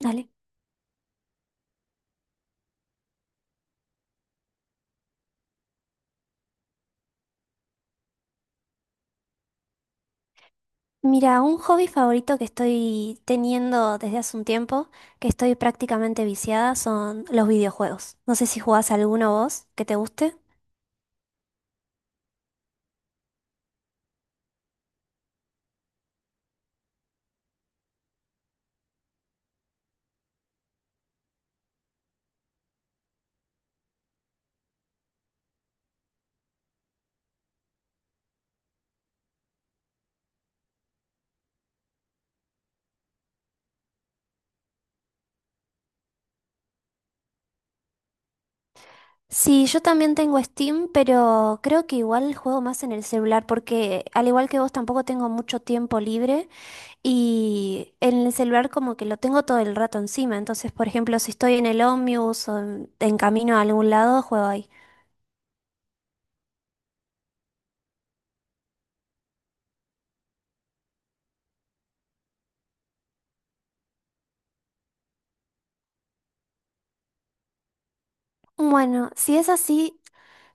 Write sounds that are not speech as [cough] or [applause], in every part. Dale. Mira, un hobby favorito que estoy teniendo desde hace un tiempo, que estoy prácticamente viciada, son los videojuegos. No sé si jugás alguno vos que te guste. Sí, yo también tengo Steam, pero creo que igual juego más en el celular porque al igual que vos tampoco tengo mucho tiempo libre y en el celular como que lo tengo todo el rato encima. Entonces, por ejemplo, si estoy en el Omnibus o en camino a algún lado, juego ahí. Bueno, si es así,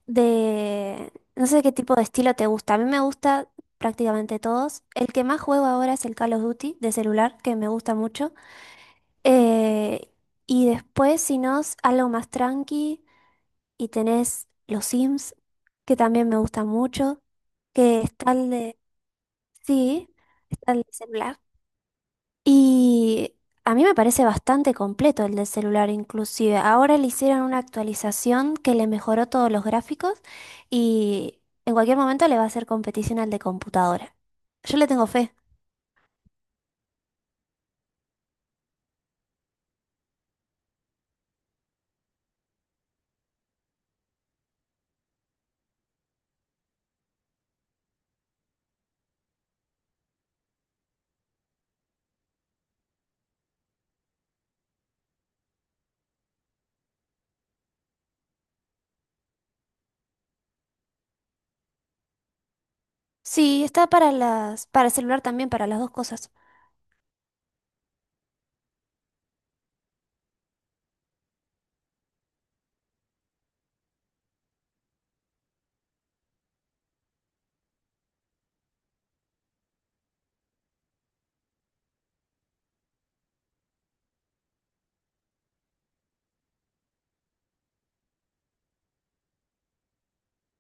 de... No sé qué tipo de estilo te gusta. A mí me gusta prácticamente todos. El que más juego ahora es el Call of Duty de celular, que me gusta mucho. Eh, y después, si no, es algo más tranqui y tenés los Sims, que también me gusta mucho, que está el de... Sí, está el de celular. Y a mí me parece bastante completo el del celular inclusive. Ahora le hicieron una actualización que le mejoró todos los gráficos y en cualquier momento le va a hacer competición al de computadora. Yo le tengo fe. Sí, está para las, para el celular también, para las dos cosas.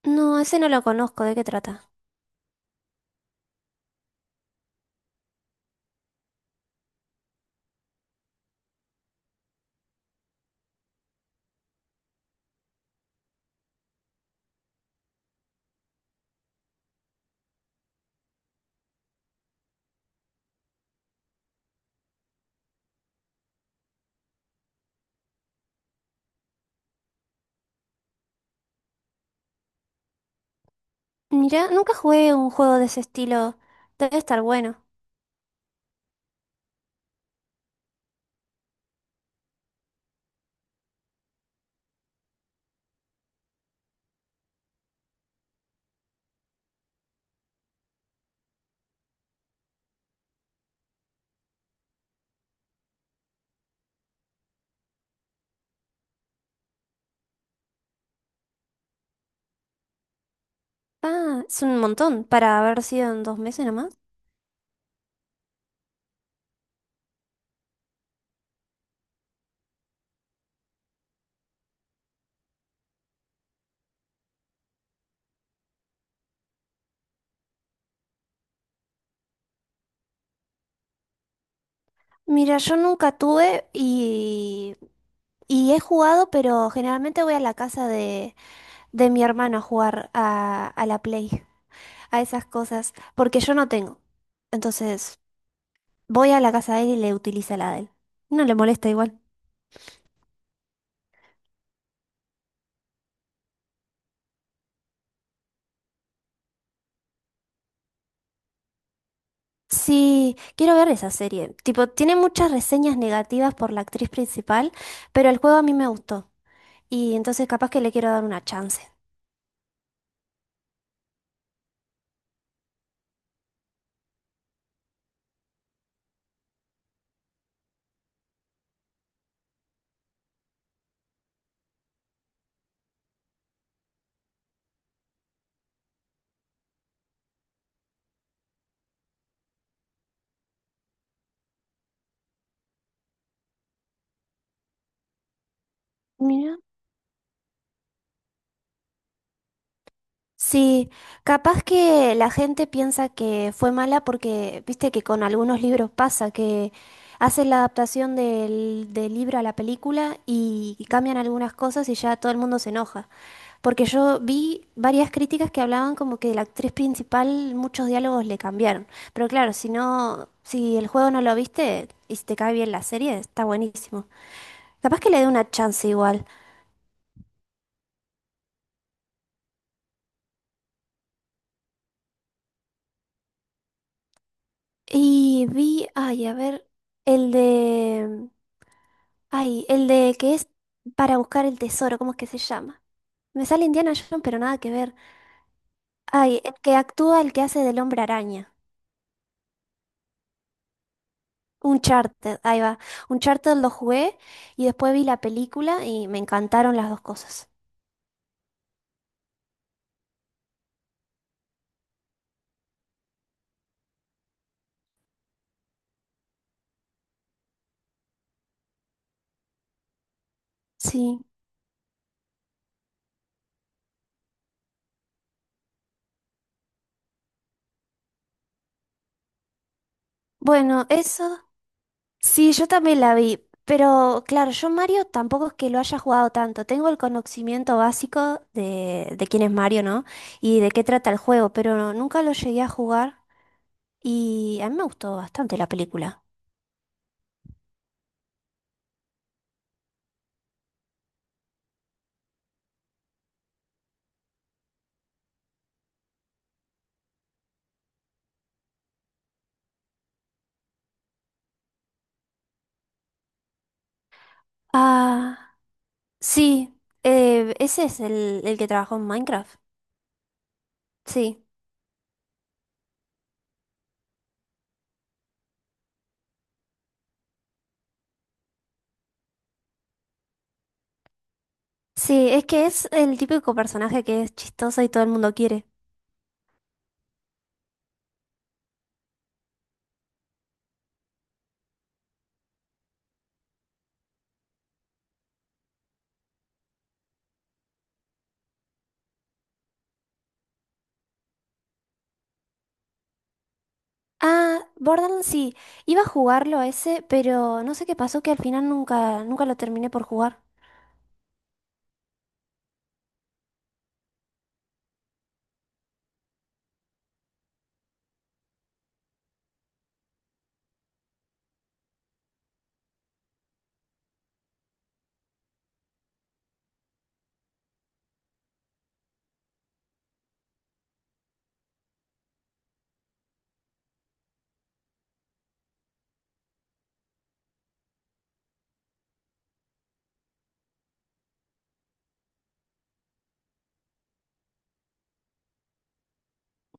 No, ese no lo conozco, ¿de qué trata? Mira, nunca jugué un juego de ese estilo. Debe estar bueno. Ah, es un montón para haber sido en dos meses nomás. Mira, yo nunca tuve y he jugado, pero generalmente voy a la casa de mi hermano a jugar a la Play, a esas cosas, porque yo no tengo. Entonces, voy a la casa de él y le utiliza la de él. No le molesta igual. Sí, quiero ver esa serie. Tipo, tiene muchas reseñas negativas por la actriz principal, pero el juego a mí me gustó. Y entonces capaz que le quiero dar una chance. Mira. Sí, capaz que la gente piensa que fue mala porque, viste que con algunos libros pasa, que hacen la adaptación del, del libro a la película y cambian algunas cosas y ya todo el mundo se enoja. Porque yo vi varias críticas que hablaban como que la actriz principal muchos diálogos le cambiaron. Pero claro, si no, si el juego no lo viste y si te cae bien la serie, está buenísimo. Capaz que le dé una chance igual. Y vi, ay, a ver, el de... Ay, el de que es para buscar el tesoro, ¿cómo es que se llama? Me sale Indiana Jones, pero nada que ver. Ay, el que actúa, el que hace del hombre araña. Uncharted, ahí va. Uncharted lo jugué y después vi la película y me encantaron las dos cosas. Sí. Bueno, eso. Sí, yo también la vi. Pero claro, yo Mario tampoco es que lo haya jugado tanto. Tengo el conocimiento básico de quién es Mario, ¿no? Y de qué trata el juego, pero nunca lo llegué a jugar. Y a mí me gustó bastante la película. Ah, sí, ese es el que trabajó en Minecraft. Sí, sí, es que es el típico personaje que es chistoso y todo el mundo quiere. Ah, Borderlands sí, iba a jugarlo a ese, pero no sé qué pasó que al final nunca, nunca lo terminé por jugar.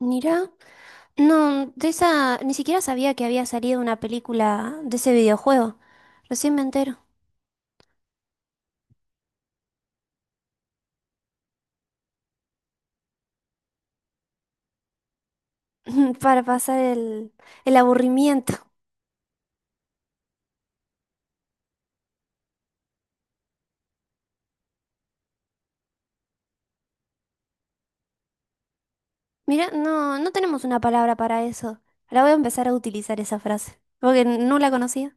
Mira, no, de esa, ni siquiera sabía que había salido una película de ese videojuego. Recién me entero, [laughs] para pasar el aburrimiento. Mira, no, no tenemos una palabra para eso. La voy a empezar a utilizar esa frase, porque no la conocía.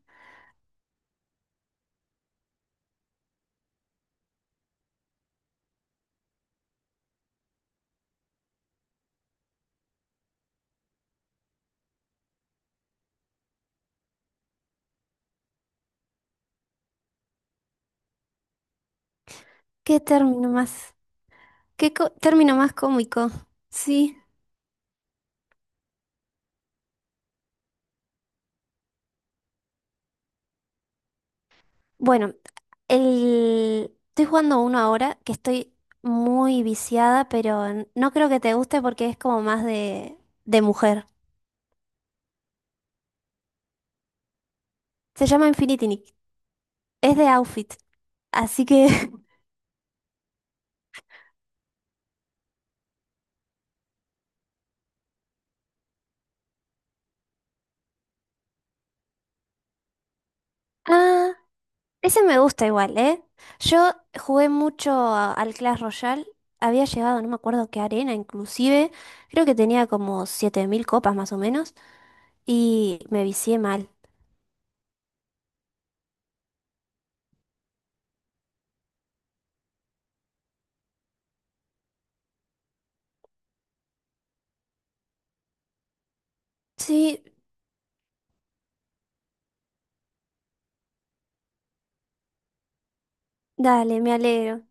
¿Qué término más? ¿ Término más cómico? Sí. Bueno, el... estoy jugando uno ahora que estoy muy viciada, pero no creo que te guste porque es como más de mujer. Se llama Infinity Nick. Es de outfit, así que... [laughs] Ah, ese me gusta igual, ¿eh? Yo jugué mucho al Clash Royale. Había llegado, no me acuerdo qué arena, inclusive. Creo que tenía como 7000 copas más o menos. Y me vicié mal. Sí, dale, me alegro.